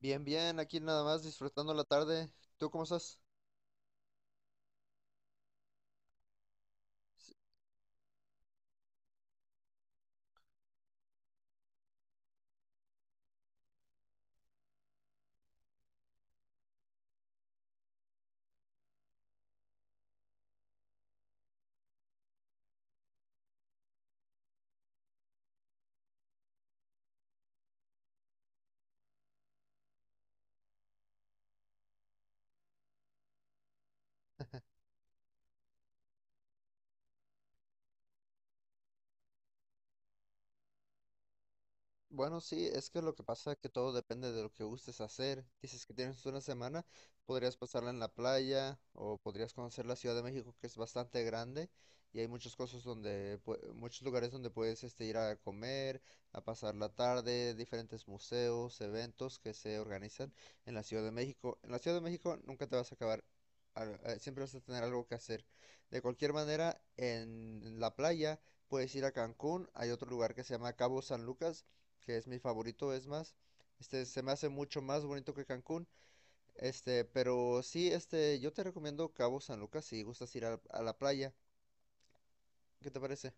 Bien, bien, aquí nada más disfrutando la tarde. ¿Tú cómo estás? Bueno, sí, es que lo que pasa es que todo depende de lo que gustes hacer. Dices que tienes una semana, podrías pasarla en la playa o podrías conocer la Ciudad de México, que es bastante grande y hay muchas cosas donde, muchos lugares donde puedes ir a comer, a pasar la tarde, diferentes museos, eventos que se organizan en la Ciudad de México. En la Ciudad de México nunca te vas a acabar, siempre vas a tener algo que hacer. De cualquier manera, en la playa puedes ir a Cancún. Hay otro lugar que se llama Cabo San Lucas que es mi favorito, es más. Se me hace mucho más bonito que Cancún. Pero sí, yo te recomiendo Cabo San Lucas si gustas ir a la playa. ¿Qué te parece?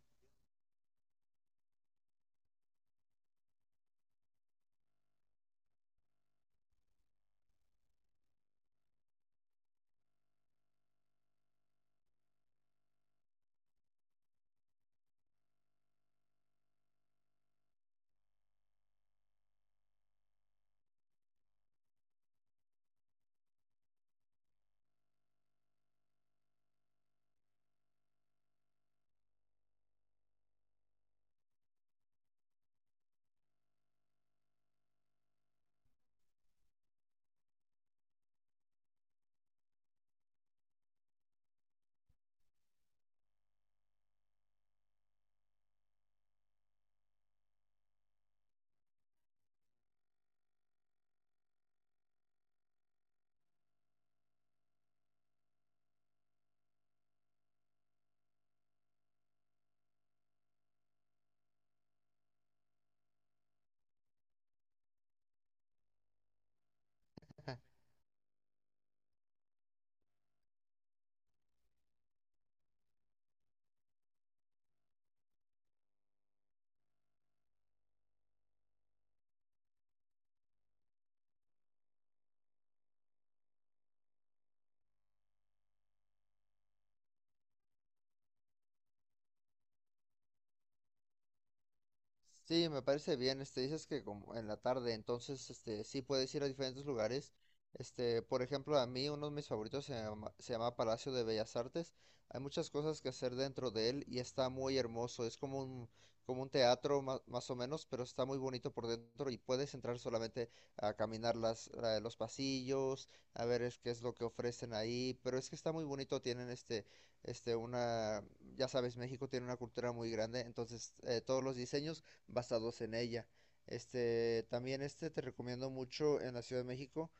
Sí, me parece bien. Dices que como en la tarde, entonces, sí puedes ir a diferentes lugares. Por ejemplo, a mí uno de mis favoritos se llama Palacio de Bellas Artes. Hay muchas cosas que hacer dentro de él y está muy hermoso. Es como un teatro más o menos, pero está muy bonito por dentro y puedes entrar solamente a caminar los pasillos, a ver qué es lo que ofrecen ahí. Pero es que está muy bonito. Tienen este, una, ya sabes, México tiene una cultura muy grande, entonces todos los diseños basados en ella. También te recomiendo mucho en la Ciudad de México.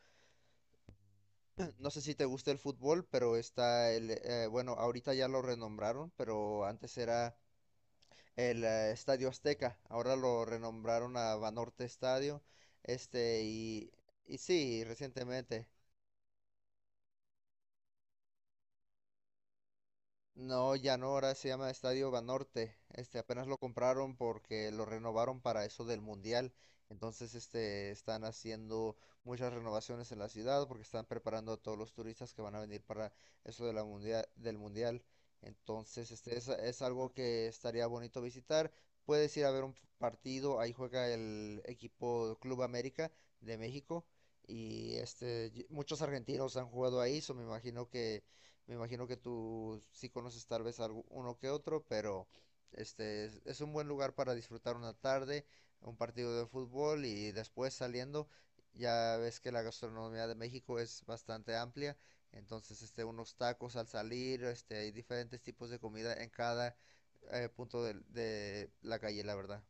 No sé si te gusta el fútbol, pero está bueno, ahorita ya lo renombraron, pero antes era el Estadio Azteca. Ahora lo renombraron a Banorte Estadio. Este, y, y sí, recientemente. No, ya no, ahora se llama Estadio Banorte. Apenas lo compraron porque lo renovaron para eso del Mundial. Entonces, están haciendo muchas renovaciones en la ciudad porque están preparando a todos los turistas que van a venir para eso de la del Mundial. Entonces, es algo que estaría bonito visitar. Puedes ir a ver un partido, ahí juega el equipo Club América de México y muchos argentinos han jugado ahí, so me imagino que tú sí conoces tal vez algo, uno que otro, pero es un buen lugar para disfrutar una tarde, un partido de fútbol. Y después saliendo, ya ves que la gastronomía de México es bastante amplia, entonces unos tacos al salir. Hay diferentes tipos de comida en cada punto de la calle, la verdad.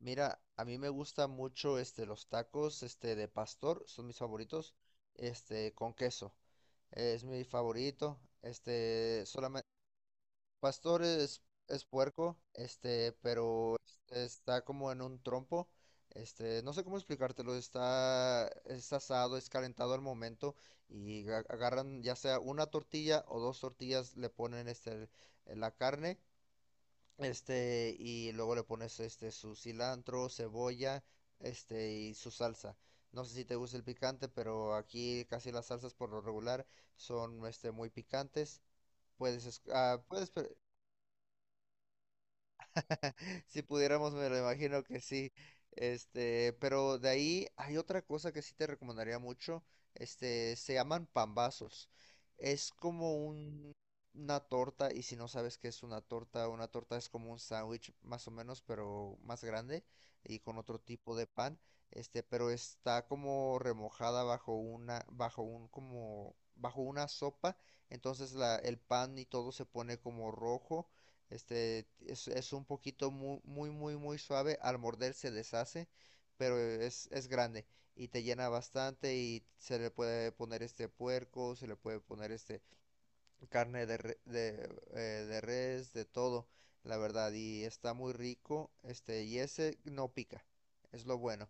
Mira, a mí me gusta mucho los tacos de pastor, son mis favoritos, con queso. Es mi favorito. Solamente pastor es puerco. Pero está como en un trompo. No sé cómo explicártelo. Está es asado, es calentado al momento y agarran ya sea una tortilla o dos tortillas, le ponen la carne y luego le pones su cilantro, cebolla, y su salsa. No sé si te gusta el picante, pero aquí casi las salsas por lo regular son muy picantes. Puedes es- ah, puedes pre- Si pudiéramos, me lo imagino que sí. Pero de ahí hay otra cosa que sí te recomendaría mucho. Se llaman pambazos. Es como un, una torta, y si no sabes qué es una torta es como un sándwich más o menos, pero más grande y con otro tipo de pan. Pero está como remojada bajo una, bajo un, como, bajo una sopa. Entonces el pan y todo se pone como rojo. Es un poquito muy, muy, muy, muy suave. Al morder se deshace, pero es grande y te llena bastante, y se le puede poner puerco, se le puede poner carne de res, de todo, la verdad. Y está muy rico, y ese no pica. Es lo bueno.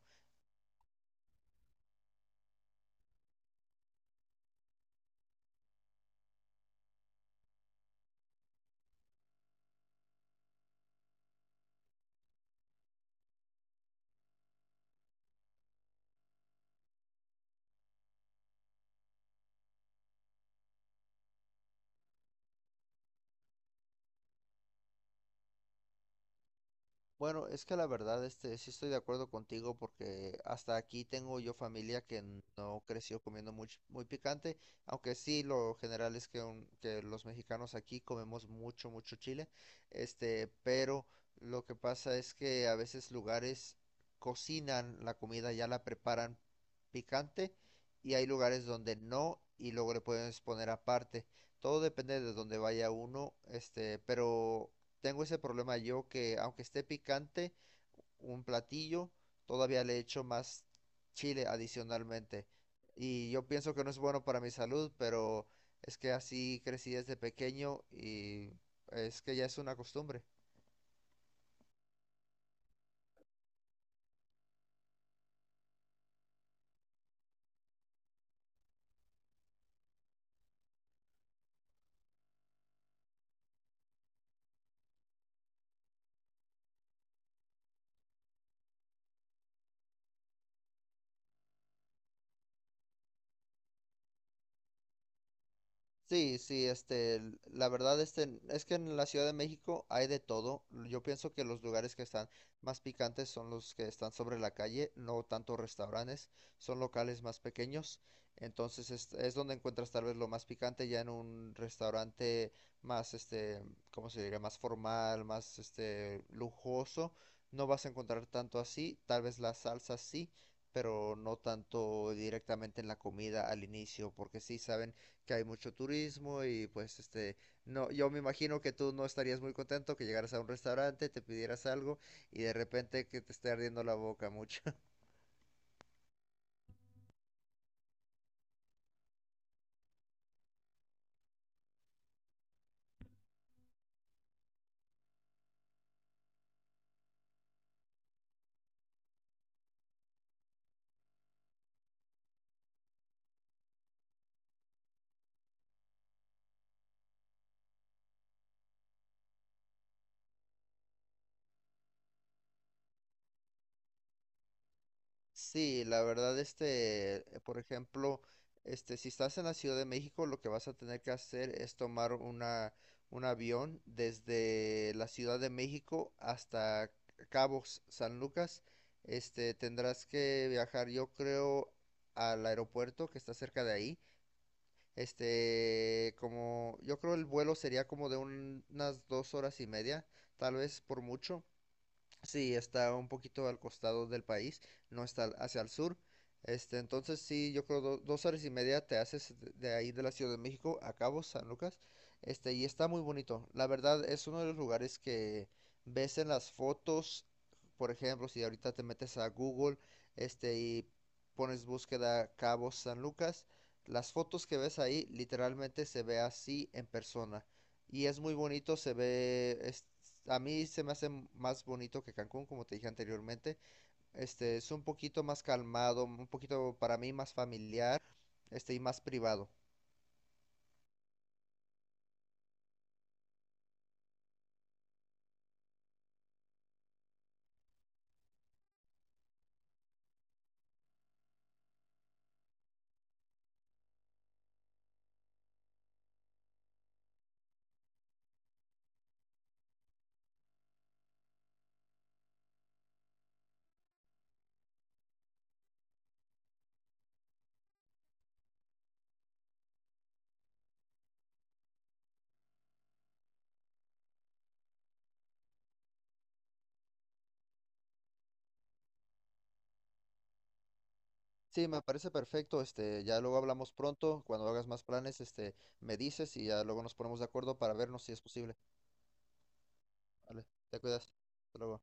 Bueno, es que la verdad, sí estoy de acuerdo contigo porque hasta aquí tengo yo familia que no creció comiendo muy, muy picante, aunque sí lo general es que los mexicanos aquí comemos mucho, mucho chile. Pero lo que pasa es que a veces lugares cocinan la comida, ya la preparan picante, y hay lugares donde no y luego le puedes poner aparte. Todo depende de dónde vaya uno. Pero tengo ese problema yo, que aunque esté picante un platillo, todavía le echo más chile adicionalmente. Y yo pienso que no es bueno para mi salud, pero es que así crecí desde pequeño y es que ya es una costumbre. Sí, sí, la verdad, es que en la Ciudad de México hay de todo. Yo pienso que los lugares que están más picantes son los que están sobre la calle, no tanto restaurantes, son locales más pequeños. Entonces es donde encuentras tal vez lo más picante. Ya en un restaurante más, ¿cómo se diría? Más formal, más, lujoso. No vas a encontrar tanto así, tal vez la salsa sí, pero no tanto directamente en la comida al inicio, porque sí saben que hay mucho turismo y pues no, yo me imagino que tú no estarías muy contento que llegaras a un restaurante, te pidieras algo y de repente que te esté ardiendo la boca mucho. Sí, la verdad, por ejemplo, si estás en la Ciudad de México, lo que vas a tener que hacer es tomar un avión desde la Ciudad de México hasta Cabos, San Lucas. Tendrás que viajar, yo creo, al aeropuerto que está cerca de ahí. Como yo creo el vuelo sería como de unas dos horas y media, tal vez por mucho. Sí, está un poquito al costado del país, no está hacia el sur. Entonces sí, yo creo dos horas y media te haces de ahí de la Ciudad de México a Cabo San Lucas. Y está muy bonito. La verdad es uno de los lugares que ves en las fotos. Por ejemplo, si ahorita te metes a Google, y pones búsqueda Cabo San Lucas, las fotos que ves ahí literalmente se ve así en persona. Y es muy bonito, se ve, a mí se me hace más bonito que Cancún, como te dije anteriormente. Este es un poquito más calmado, un poquito para mí más familiar, y más privado. Sí, me parece perfecto. Ya luego hablamos pronto. Cuando hagas más planes, me dices y ya luego nos ponemos de acuerdo para vernos si es posible. Vale, te cuidas. Hasta luego.